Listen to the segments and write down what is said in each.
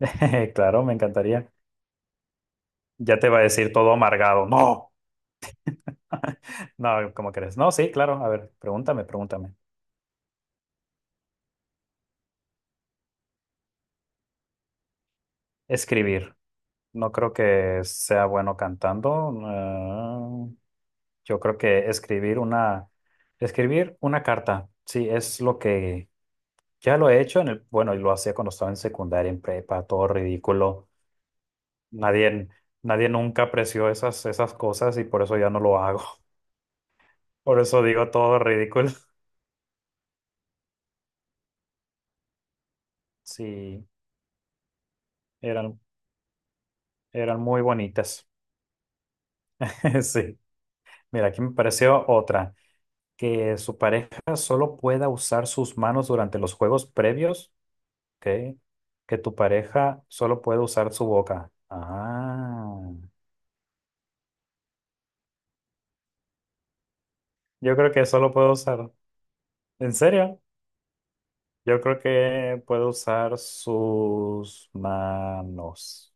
Claro, me encantaría. Ya te va a decir todo amargado. No. No, ¿cómo crees? No, sí, claro. A ver, pregúntame. Escribir. No creo que sea bueno cantando. Yo creo que escribir una carta. Sí, es lo que ya lo he hecho en el, bueno, y lo hacía cuando estaba en secundaria, en prepa, todo ridículo. Nadie, nadie nunca apreció esas cosas y por eso ya no lo hago. Por eso digo todo ridículo. Sí, eran. Eran muy bonitas. Sí. Mira, aquí me pareció otra, que su pareja solo pueda usar sus manos durante los juegos previos, ¿ok? Que tu pareja solo puede usar su boca. Yo creo que solo puedo usar. ¿En serio? Yo creo que puedo usar sus manos.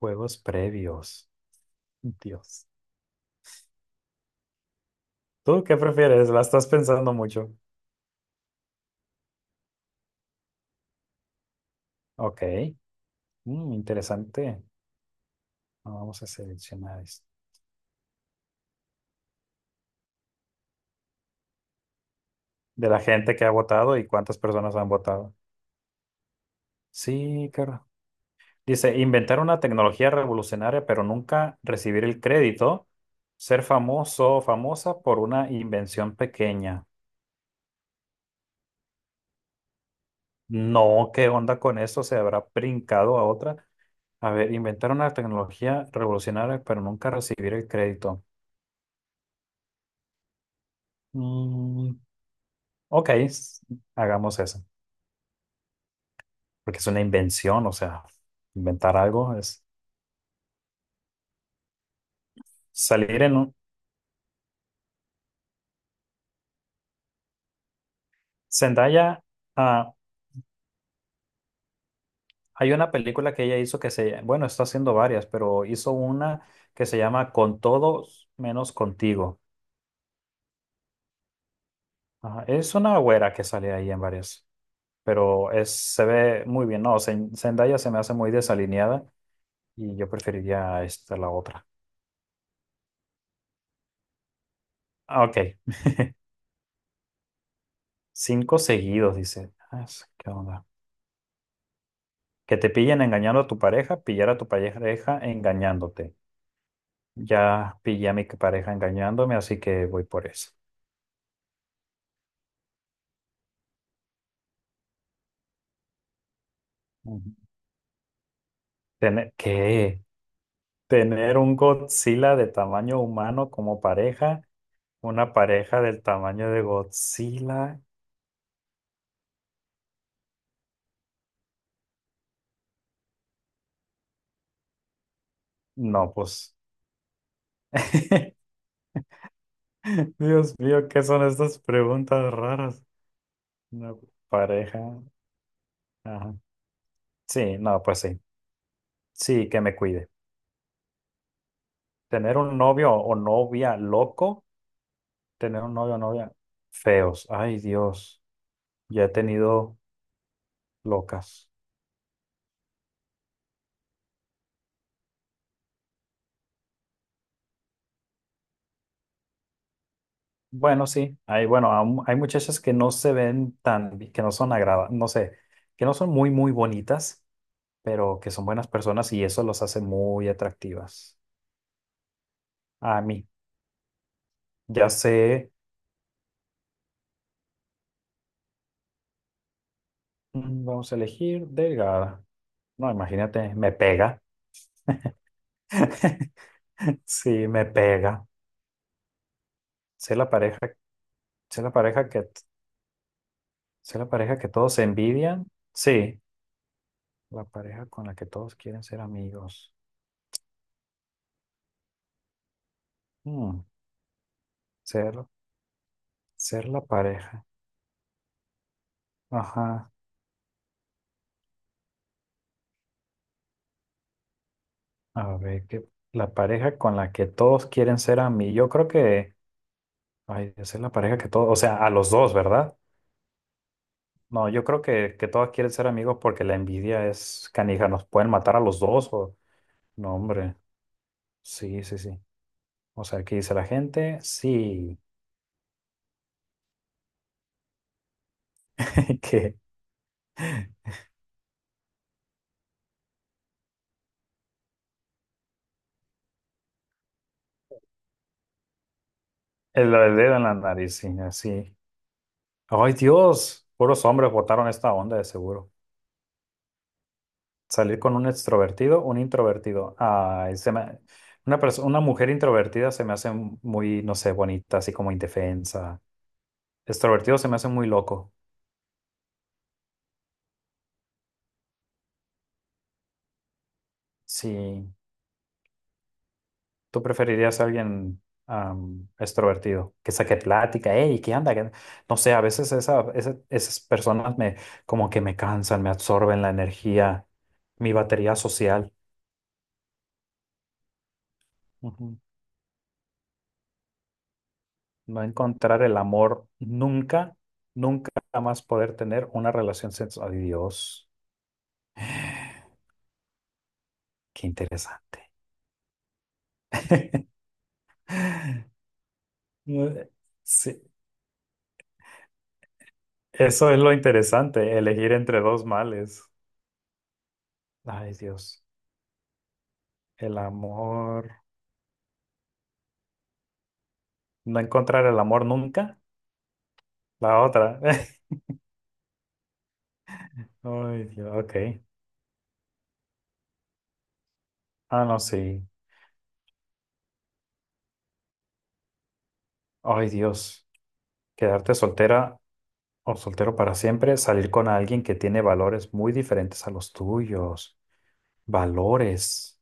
Juegos previos. Dios. ¿Tú qué prefieres? La estás pensando mucho. Ok. Interesante. Vamos a seleccionar esto. De la gente que ha votado y cuántas personas han votado. Sí, claro. Dice, inventar una tecnología revolucionaria, pero nunca recibir el crédito, ser famoso o famosa por una invención pequeña. No, ¿qué onda con eso? ¿Se habrá brincado a otra? A ver, inventar una tecnología revolucionaria, pero nunca recibir el crédito. Mm, ok, hagamos eso, porque es una invención, o sea, inventar algo es salir en un... Zendaya... ah, hay una película que ella hizo que se, bueno, está haciendo varias, pero hizo una que se llama Con todos menos contigo. Ajá, es una güera que sale ahí en varias, pero es, se ve muy bien. No, Zendaya se me hace muy desalineada y yo preferiría esta la otra. Ok, cinco seguidos, dice. Ah, ¿Qué onda? Que te pillen engañando a tu pareja, pillar a tu pareja engañándote. Ya pillé a mi pareja engañándome, así que voy por eso. Ujú. Tener, ¿qué? Tener un Godzilla de tamaño humano como pareja, una pareja del tamaño de Godzilla. No, pues. Dios mío, ¿qué son estas preguntas raras? Una pareja. Ajá. Sí, no, pues sí. Sí, que me cuide. Tener un novio o novia loco, tener un novio o novia feos. Ay, Dios, ya he tenido locas. Bueno, sí, hay, bueno, aún hay muchachas que no se ven tan que no son agradables, no sé, que no son muy, muy bonitas, pero que son buenas personas y eso los hace muy atractivas. A mí, ya sé, vamos a elegir delgada. No, imagínate, me pega. Sí, me pega. Sé la pareja, sé la pareja que, sé la pareja que todos envidian. Sí, la pareja con la que todos quieren ser amigos. Mm, ser, ser la pareja. Ajá. A ver, que la pareja con la que todos quieren ser a mí. Yo creo que, ay, esa es la pareja que todos, o sea, a los dos, ¿verdad? No, yo creo que todos quieren ser amigos porque la envidia es canija, nos pueden matar a los dos o... No, hombre, sí, sí, sí. O sea, ¿qué dice la gente? Sí, que el dedo en la nariz, sí, así. Ay, Dios, puros hombres votaron esta onda de seguro. Salir con un extrovertido, un introvertido. Ay, se me- una perso- una mujer introvertida se me hace muy, no sé, bonita, así como indefensa. Extrovertido se me hace muy loco. Sí, tú preferirías a alguien extrovertido, que saque plática, hey, ¿qué anda? ¿Qué- No sé, a veces esas personas me, como que me cansan, me absorben la energía, mi batería social. No encontrar el amor nunca, nunca jamás poder tener una relación sexual. Ay, Dios, qué interesante. Sí, eso es lo interesante, elegir entre dos males. Ay, Dios, el amor, no encontrar el amor nunca, la otra. Ay, Dios, ok. Ah, no, sí. Ay, Dios, quedarte soltera o soltero para siempre, salir con alguien que tiene valores muy diferentes a los tuyos. Valores.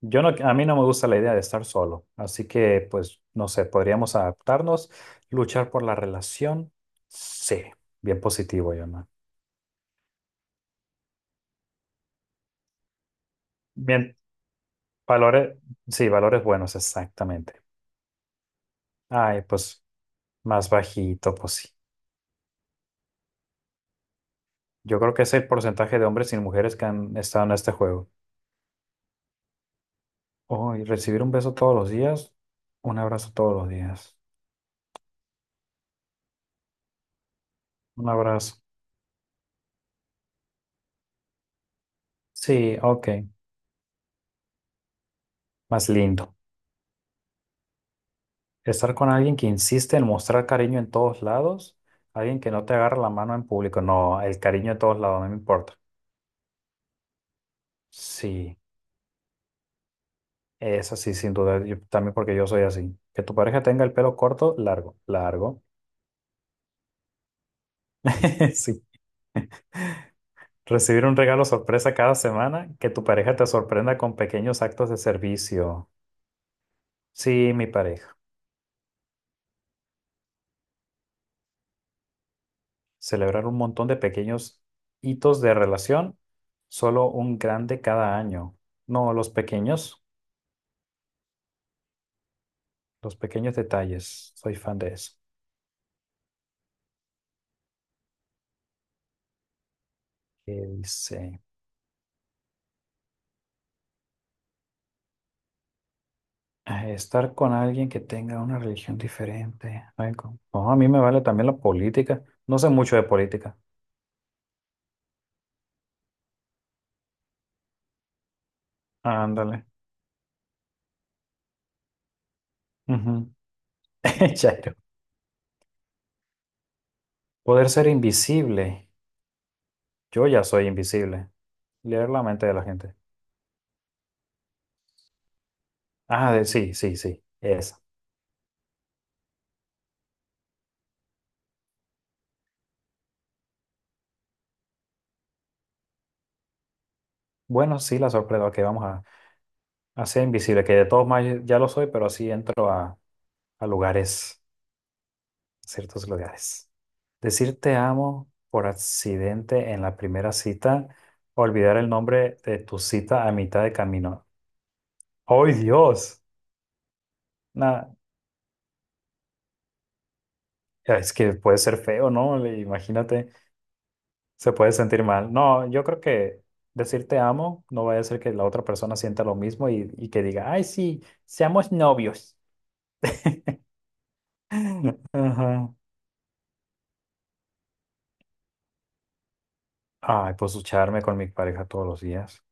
Yo no, a mí no me gusta la idea de estar solo, así que pues no sé, podríamos adaptarnos, luchar por la relación. Sí, bien positivo, Yona. Bien, valores, sí, valores buenos, exactamente. Ay, pues más bajito, pues sí. Yo creo que es el porcentaje de hombres y mujeres que han estado en este juego. Oh, y recibir un beso todos los días, un abrazo todos los días, un abrazo. Sí, ok, más lindo. Estar con alguien que insiste en mostrar cariño en todos lados, alguien que no te agarra la mano en público, no, el cariño en todos lados, no me importa. Sí, es así sin duda, yo- también porque yo soy así. Que tu pareja tenga el pelo corto, largo, largo. Sí. Recibir un regalo sorpresa cada semana, que tu pareja te sorprenda con pequeños actos de servicio. Sí, mi pareja. Celebrar un montón de pequeños hitos de relación, solo un grande cada año. No, los pequeños. Los pequeños detalles, soy fan de eso. Que dice, ah, estar con alguien que tenga una religión diferente. Ay, no, a mí me vale también la política. No sé mucho de política. Ándale. Ujú. Chairo. Poder ser invisible. Yo ya soy invisible. Leer la mente de la gente. Ah, sí, sí, sí. Esa. Bueno, sí, la sorpresa que vamos a ser invisible, que de todos modos ya lo soy, pero así entro a lugares. Ciertos lugares. Decir te amo por accidente en la primera cita, olvidar el nombre de tu cita a mitad de camino. ¡Ay, Dios! Nah, es que puede ser feo, ¿no? Imagínate, se puede sentir mal. No, yo creo que decir te amo no vaya a ser que la otra persona sienta lo mismo y que diga, ay, sí, seamos novios. Ajá. Ay, pues ducharme con mi pareja todos los días.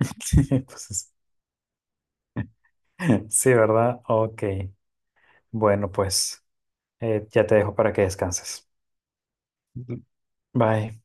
Pues, sí, ¿verdad? Ok. Bueno, pues. Ya te dejo para que descanses. Bye.